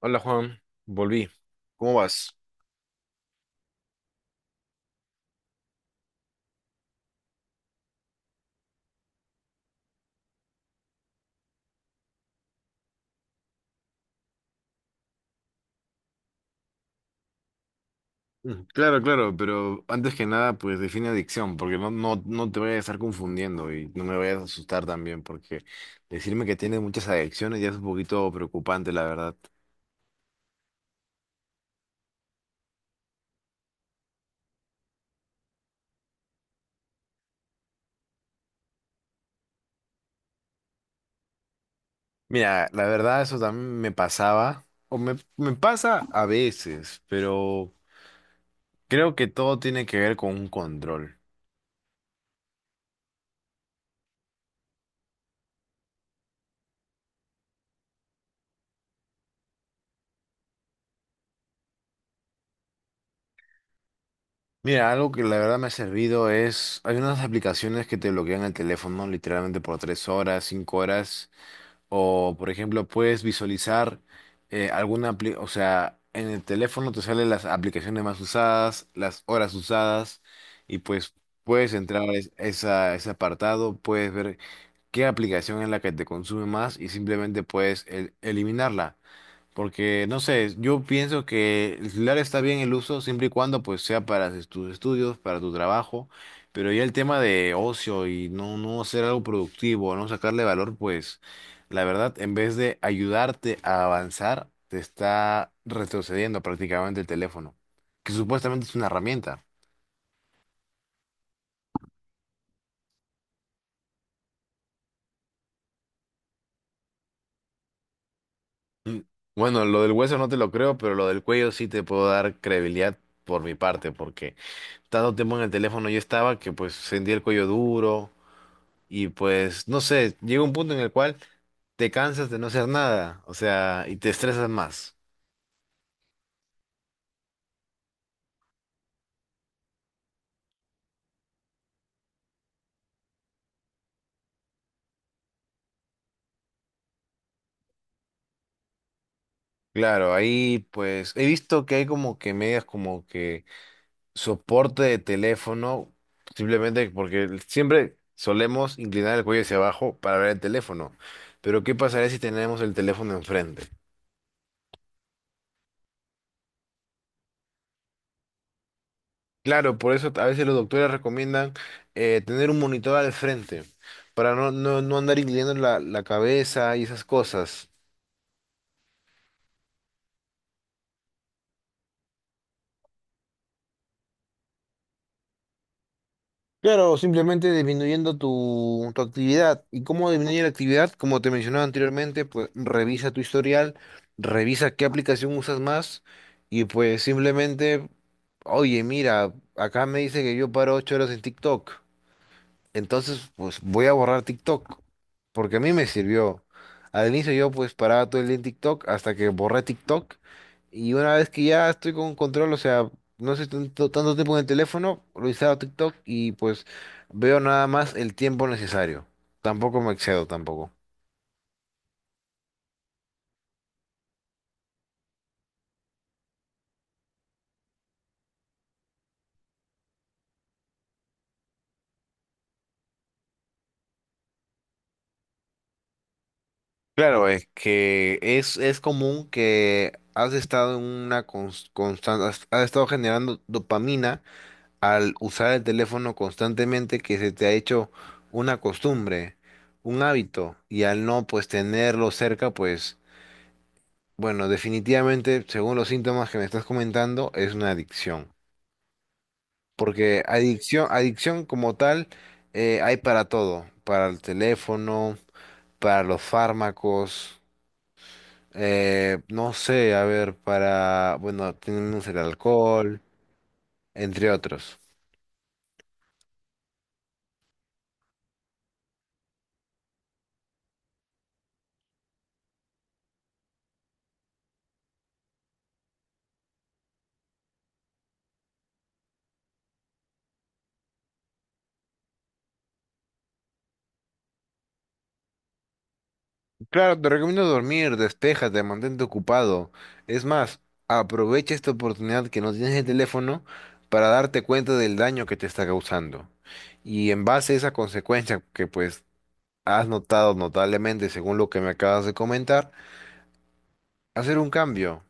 Hola Juan, volví. ¿Cómo vas? Claro, claro, pero antes que nada, pues define adicción, porque no te vayas a estar confundiendo y no me vayas a asustar también, porque decirme que tienes muchas adicciones ya es un poquito preocupante, la verdad. Mira, la verdad eso también me pasaba, o me pasa a veces, pero creo que todo tiene que ver con un control. Mira, algo que la verdad me ha servido es, hay unas aplicaciones que te bloquean el teléfono literalmente por tres horas, cinco horas. O, por ejemplo, puedes visualizar o sea, en el teléfono te salen las aplicaciones más usadas, las horas usadas, y pues puedes entrar a ese apartado, puedes ver qué aplicación es la que te consume más y simplemente puedes eliminarla. Porque, no sé, yo pienso que el celular está bien el uso siempre y cuando pues sea para tus estudios, para tu trabajo, pero ya el tema de ocio y no hacer algo productivo, no sacarle valor, pues la verdad, en vez de ayudarte a avanzar, te está retrocediendo prácticamente el teléfono, que supuestamente es una herramienta. Bueno, lo del hueso no te lo creo, pero lo del cuello sí te puedo dar credibilidad por mi parte, porque tanto tiempo en el teléfono yo estaba que pues sentía el cuello duro. Y pues, no sé, llega un punto en el cual te cansas de no hacer nada, o sea, y te estresas más. Claro, ahí pues he visto que hay como que medias como que soporte de teléfono, simplemente porque siempre solemos inclinar el cuello hacia abajo para ver el teléfono. Pero ¿qué pasaría si tenemos el teléfono enfrente? Claro, por eso a veces los doctores recomiendan tener un monitor al frente para no andar inclinando la cabeza y esas cosas. Claro, simplemente disminuyendo tu actividad. ¿Y cómo disminuye la actividad? Como te mencionaba anteriormente, pues revisa tu historial, revisa qué aplicación usas más y pues simplemente, oye, mira, acá me dice que yo paro ocho horas en TikTok. Entonces, pues voy a borrar TikTok, porque a mí me sirvió. Al inicio yo pues paraba todo el día en TikTok hasta que borré TikTok y una vez que ya estoy con control, o sea, no estoy tanto tiempo en el teléfono, lo instalo TikTok y pues veo nada más el tiempo necesario. Tampoco me excedo tampoco. Claro, es que es común que has estado en una constante, has estado generando dopamina al usar el teléfono constantemente que se te ha hecho una costumbre, un hábito, y al no pues tenerlo cerca, pues bueno, definitivamente, según los síntomas que me estás comentando, es una adicción. Porque adicción, adicción como tal, hay para todo, para el teléfono, para los fármacos, no sé, a ver, para, bueno, tenemos el alcohol, entre otros. Claro, te recomiendo dormir, despéjate, mantente ocupado. Es más, aprovecha esta oportunidad que no tienes el teléfono para darte cuenta del daño que te está causando. Y en base a esa consecuencia que pues has notado notablemente según lo que me acabas de comentar, hacer un cambio.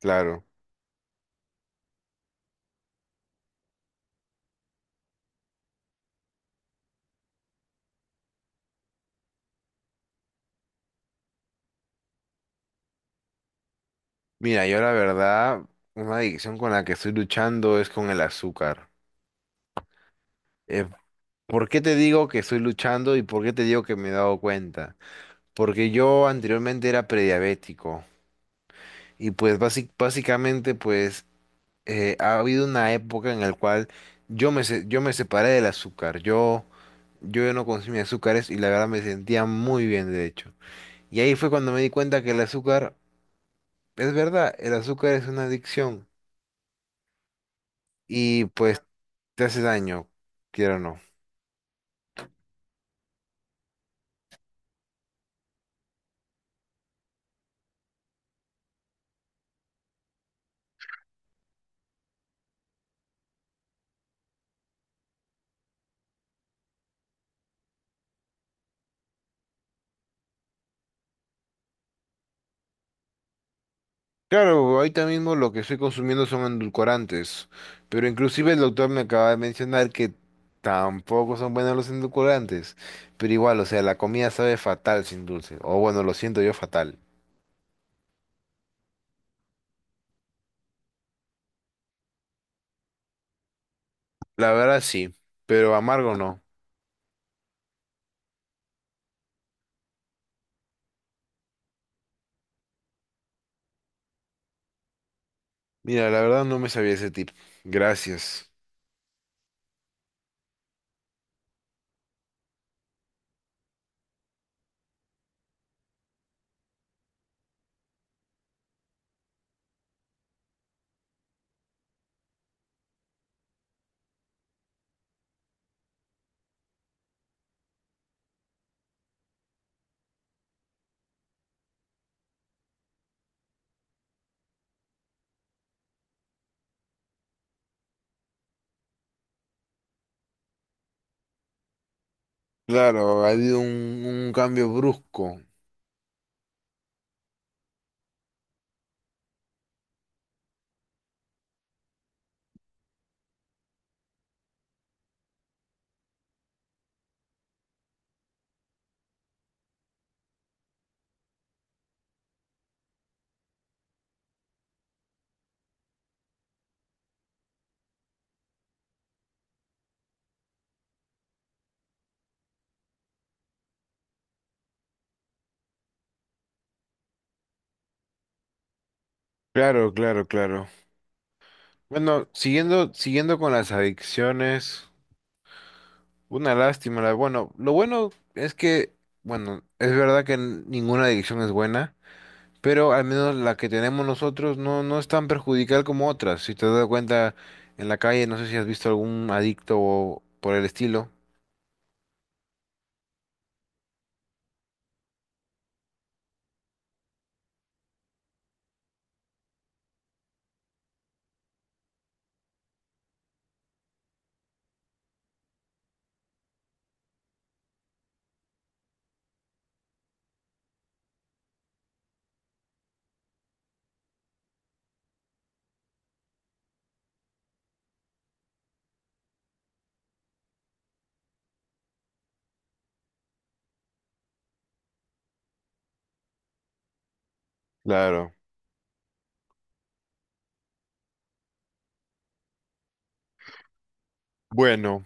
Claro. Mira, yo la verdad, una adicción con la que estoy luchando es con el azúcar. Eh, ¿Por qué te digo que estoy luchando y por qué te digo que me he dado cuenta? Porque yo anteriormente era prediabético. Y pues básicamente pues ha habido una época en la cual yo me, yo me separé del azúcar. Yo ya no consumía azúcares y la verdad me sentía muy bien de hecho. Y ahí fue cuando me di cuenta que el azúcar, es verdad, el azúcar es una adicción y pues te hace daño, quiero o no. Claro, ahorita mismo lo que estoy consumiendo son endulcorantes, pero inclusive el doctor me acaba de mencionar que tampoco son buenos los endulcorantes, pero igual, o sea, la comida sabe fatal sin dulce, o bueno, lo siento yo fatal. La verdad sí, pero amargo no. Mira, la verdad no me sabía ese tip. Gracias. Claro, ha habido un cambio brusco. Claro, claro, claro. Bueno, siguiendo con las adicciones. Una lástima, la- bueno, lo bueno es que, bueno, es verdad que ninguna adicción es buena, pero al menos la que tenemos nosotros no es tan perjudicial como otras. Si te das cuenta en la calle, no sé si has visto algún adicto o por el estilo. Claro. Bueno,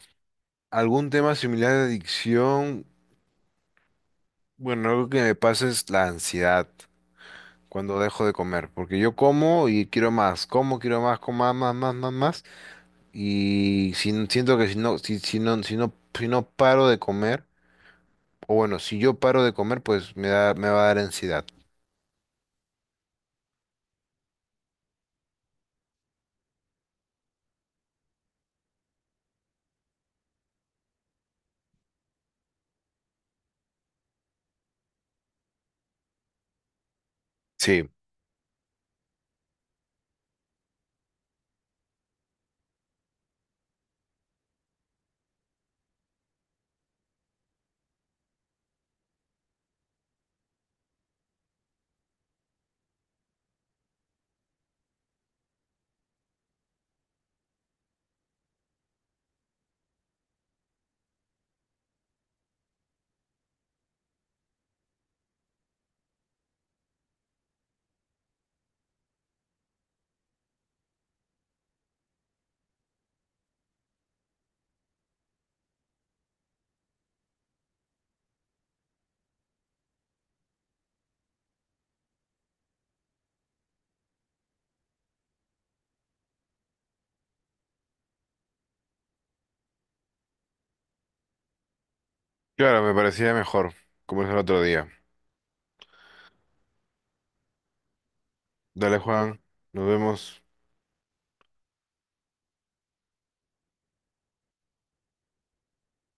algún tema similar de adicción, bueno, algo que me pasa es la ansiedad cuando dejo de comer, porque yo como y quiero más, como más, más, más, más. Más, Y siento que si no, si no paro de comer, o bueno, si yo paro de comer, pues me da, me va a dar ansiedad. Sí, claro, me parecía mejor, como es el otro día. Dale, Juan, nos vemos.